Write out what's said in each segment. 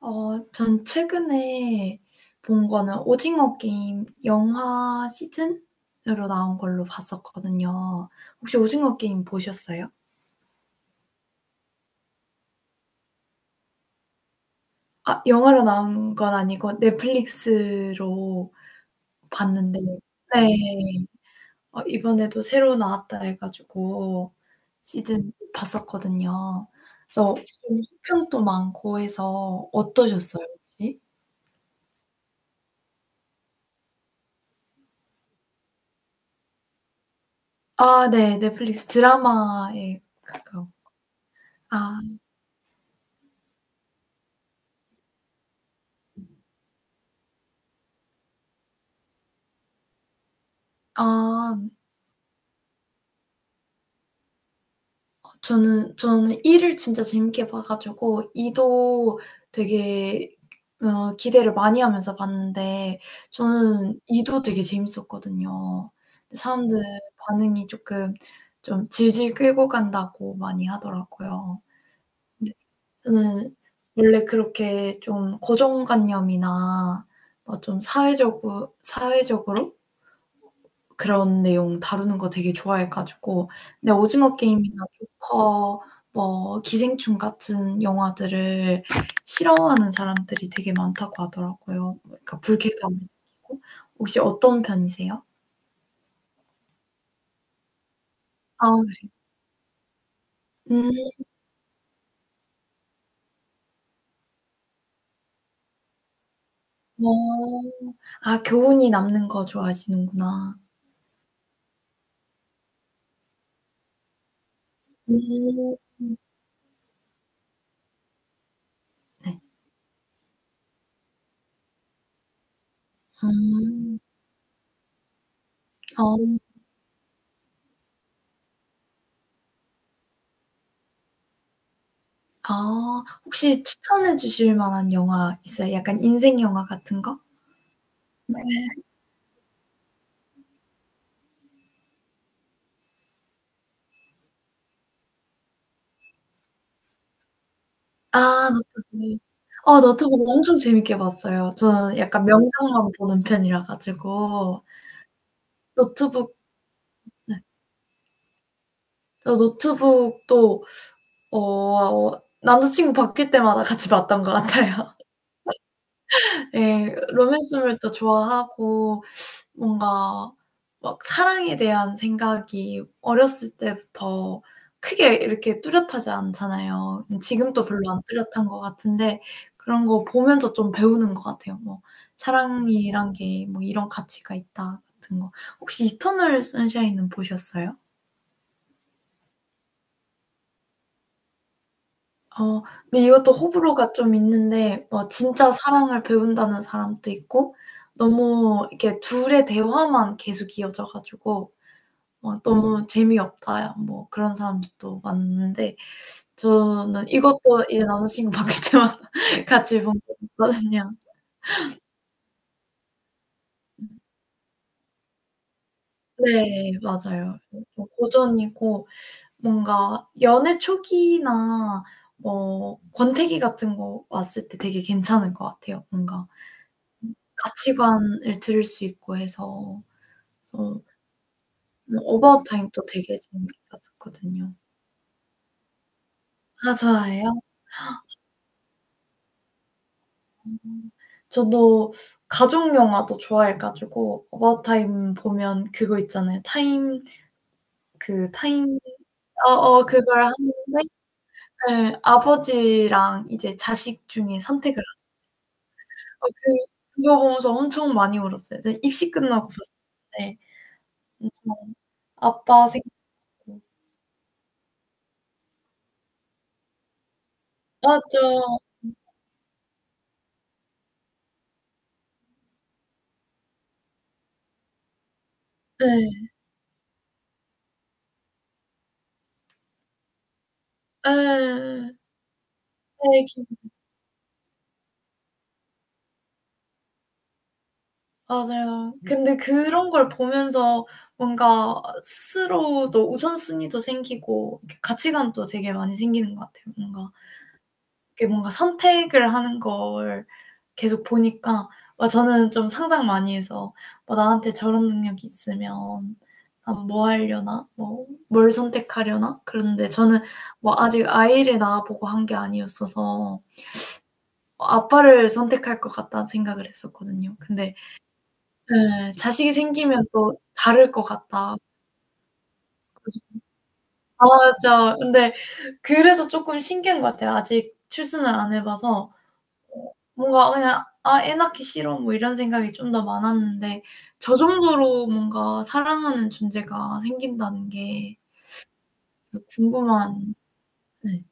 전 최근에 본 거는 오징어 게임 영화 시즌으로 나온 걸로 봤었거든요. 혹시 오징어 게임 보셨어요? 아, 영화로 나온 건 아니고 넷플릭스로 봤는데. 네. 이번에도 새로 나왔다 해 가지고 시즌 봤었거든요. 그래서 좀 호평도 많고 해서 어떠셨어요 혹시? 아, 네. 넷플릭스 드라마에 가까운. 아. 아. 저는 이를 진짜 재밌게 봐 가지고 이도 되게 기대를 많이 하면서 봤는데 저는 이도 되게 재밌었거든요. 근데 사람들 반응이 조금 좀 질질 끌고 간다고 많이 하더라고요. 근데 저는 원래 그렇게 좀 고정관념이나 뭐 좀 사회적으로 그런 내용 다루는 거 되게 좋아해 가지고, 근데 오징어 게임이나 조커, 뭐 기생충 같은 영화들을 싫어하는 사람들이 되게 많다고 하더라고요. 그러니까 불쾌감을 느끼고. 혹시 어떤 편이세요? 아. 음. 어. 아, 교훈이 남는 거 좋아하시는구나. 음. 네. 음. 어. 아, 혹시 추천해 주실 만한 영화 있어요? 약간 인생 영화 같은 거? 네. 아, 너튜브. 너튜브 엄청 재밌게 봤어요. 저는 약간 명장만 보는 편이라 가지고. 노트북. 네. 저 노트북도 남자친구 바뀔 때마다 같이 봤던 것 같아요. 예. 로맨스물도 좋아하고 뭔가 막 사랑에 대한 생각이 어렸을 때부터 크게 이렇게 뚜렷하지 않잖아요. 지금도 별로 안 뚜렷한 것 같은데 그런 거 보면서 좀 배우는 것 같아요. 뭐 '사랑이란 게 뭐 이런 가치가 있다.' 같은 거. 혹시 이터널 선샤인은 보셨어요? 어 근데 이것도 호불호가 좀 있는데 뭐 진짜 사랑을 배운다는 사람도 있고, 너무 이렇게 둘의 대화만 계속 이어져 가지고 막 너무 재미없다 뭐 그런 사람들도 많은데 저는 이것도 이제 남자 친구 바뀔 때마다 같이 본 적 있거든요. 음. 네, 맞아요. 좀 고전이고, 뭔가 연애 초기나 뭐 권태기 같은 거 왔을 때 되게 괜찮을 것 같아요. 뭔가 가치관을 들을 수 있고 해서. 그래서 뭐 어바웃 타임도 되게 재밌게 봤었거든요. 아, 좋아해요? 음. 저도 가족 영화도 좋아해 가지고, 어바웃타임 보면 그거 있잖아요. 타임. 그 타임. 어어 그걸 하는데, 예, 아버지랑 이제 자식 중에 선택을 어 그 그거 보면서 엄청 많이 울었어요. 저 입시 끝나고 봤었는데, 엄청 아빠 생각, 맞죠. 예. 예예. 네. 맞아요. 음. 근데 그런 걸 보면서 뭔가 스스로도 우선순위도 생기고 이렇게 가치관도 되게 많이 생기는 것 같아요. 뭔가 이게, 뭔가 선택을 하는 걸 계속 보니까. 아, 저는 좀 상상 많이 해서 '뭐 나한테 저런 능력이 있으면 난 뭐 하려나? 뭐 뭘 선택하려나?' 그런데 저는 뭐 아직 아이를 낳아 보고 한 게 아니었어서 '아빠를 선택할 것 같다.'는 생각을 했었거든요. 근데 예. 자식이 생기면 또 다를 것 같다. 그래서 맞아. 근데 그래서 쪼끔 신기한 것 같아요. 아직 출산을 안 해 봐서 뭔가 그냥 '아 애 낳기 싫어.' 뭐 이런 생각이 좀 더 많았는데, 저 정도로 뭔가 사랑하는 존재가 생긴다는 게 그 궁금한. 네.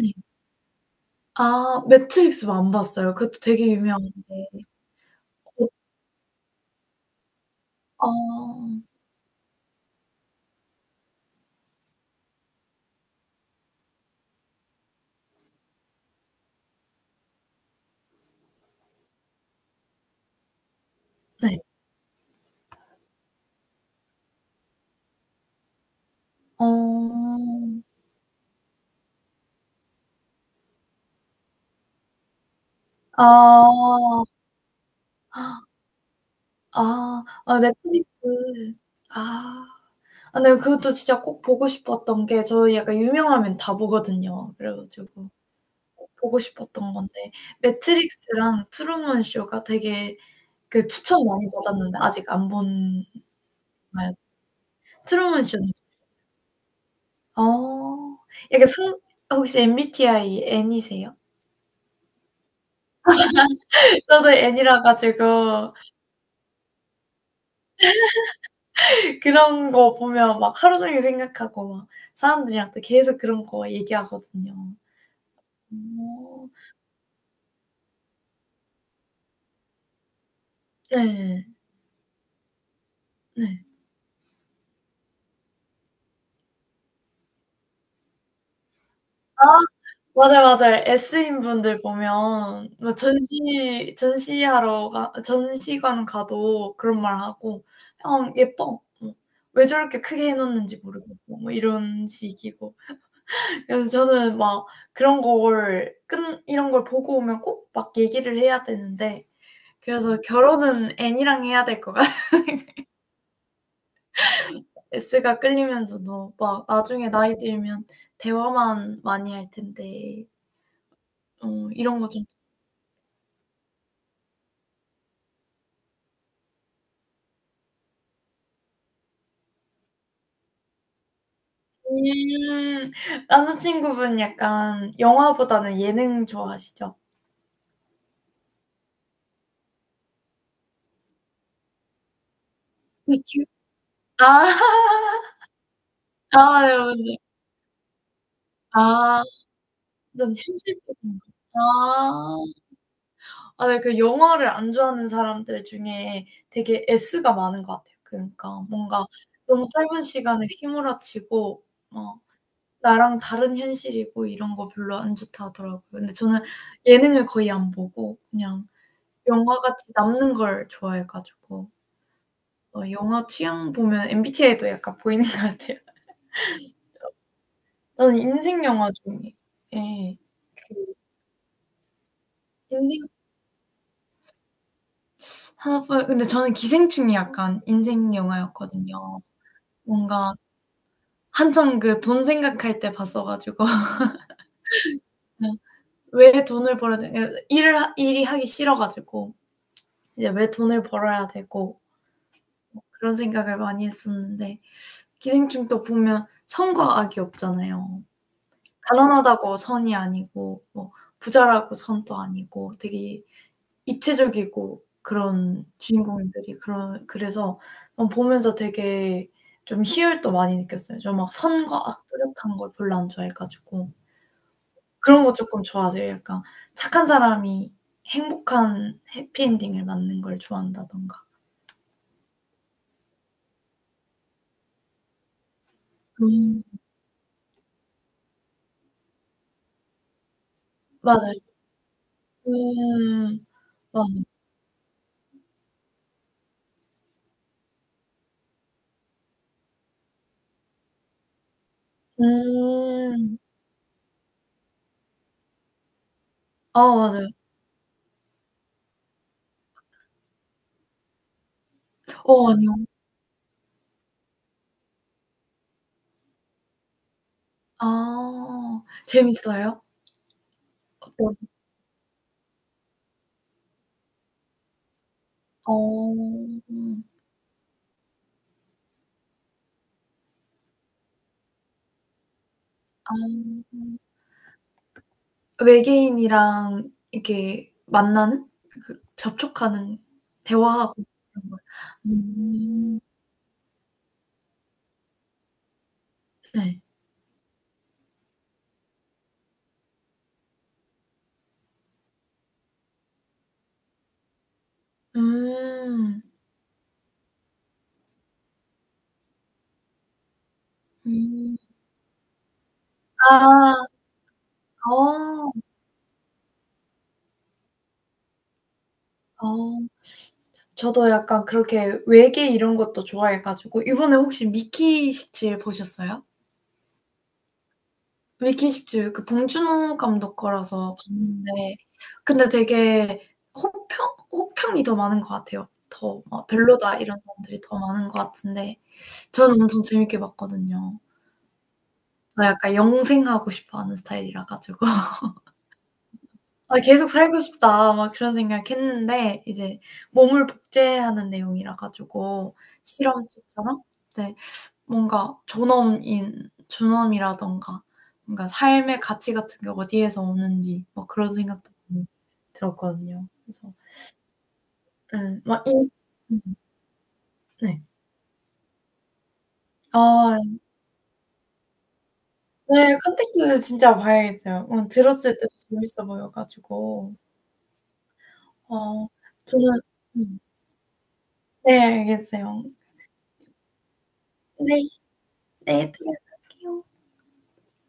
네. 아, 매트릭스는 안 봤어요. 그것도 되게 유명한데. 어. 아. 네. 어. 아. 아. 아, 넷플릭스. 아. 아, 네, 그것도 진짜 꼭 보고 싶었던 게, 저 약간 유명하면 다 보거든요. 그래 가지고 꼭 보고 싶었던 건데, 매트릭스랑 트루먼 쇼가 되게 그 추천 많이 받았는데 아직 안 본 나요? 트루먼 쇼는 어. 약간 상. 혹시 MBTI N이세요? 저도 N이라 가지고, 그런 거 보면 막 하루 종일 생각하고 막 사람들이랑 또 계속 그런 거 얘기하거든요. 어. 네. 네. 아, 맞아요, 맞아요. S인 분들 보면 뭐 전시 전시하러 가 전시관 가도 그런 말 하고 '형 예뻐.' 뭐 '왜 저렇게 크게 해 놓는지 모르겠어.' 뭐 이런 식이고. 그래서 저는 막 그런 걸 끈 이런 걸 보고 오면 꼭 막 얘기를 해야 되는데. 그래서 결혼은 N이랑 해야 될 것 같아요. S가 끌리면서도 막 나중에 나이 들면 대화만 많이 할 텐데 이런 거좀. 음. 남자친구분 약간 영화보다는 예능 좋아하시죠? 그쵸. 아. 아, 네, 맞네. 아전 현실적인 거. 아. 아, 네, 그 영화를 안 좋아하는 사람들 중에 되게 S가 많은 것 같아요. 그러니까 뭔가 너무 짧은 시간에 휘몰아치고 어 나랑 다른 현실이고 이런 거 별로 안 좋다 하더라고요. 근데 저는 예능을 거의 안 보고 그냥 영화같이 남는 걸 좋아해 가지고. 영화 취향 보면 MBTI도 약간 보이는 것 같아요. 저는 인생 영화 중에, 예, 그 인생 하나뿐. 근데 저는 기생충이 약간 인생 영화였거든요. 뭔가 한참 그 돈 생각할 때 봤어 가지고 그냥. 왜 돈을 벌어야 되, 그러니까 일을 하 일이 하기 싫어 가지고 이제 '왜 돈을 벌어야 되고.' 그런 생각을 많이 했었는데, 기생충도 보면 선과 악이 없잖아요. 가난하다고 선이 아니고 뭐 부자라고 선도 아니고, 되게 입체적이고 그런 주인공들이 그런. 그래서 보면서 되게 좀 희열도 많이 느꼈어요. 저 막 선과 악 뚜렷한 걸 별로 안 좋아해 가지고. 그런 거 쪼끔 좋아하세요. 약간 착한 사람이 행복한 해피엔딩을 맞는 걸 좋아한다든가. 음. 맞아요. 음. 맞아요. 음. 아, 맞아요. 어. 아니요. 아, 재밌어요? 어떤. 어. 음. 아. 외계인이랑 이렇게 만나는? 그 접촉하는, 대화하고 그런 거요. 음. 네. 음. 음. 아. 어. 어. 저도 약간 그렇게 외계 이런 것도 좋아해 가지고, 이번에 혹시 미키 17 보셨어요? 미키 17 그 봉준호 감독 거라서 봤는데, 근데 되게 혹평? 호평이 더 많은 것 같아요. 더 막 '별로다.' 이런 사람들이 더 많은 것 같은데 저는 엄청 재밌게 봤거든요. 저 약간 영생하고 싶어하는 스타일이라 가지고 '아 계속 살고 싶다.' 막 그런 생각했는데, 이제 몸을 복제하는 내용이라 가지고, 실험체처럼. 네. 뭔가 존엄인 존엄이라든가 뭔가 삶의 가치 같은 게 어디에서 오는지 뭐 그런 생각도 많이 들었거든요. 그래서 예. 막 이. 음. 네. 아, 네. 컨택트 진짜 봐야겠어요. 들었을 때도 재밌어 보여 가지고. 어 저는. 음. 네, 알겠어요. 네. 네, 들어갈게요.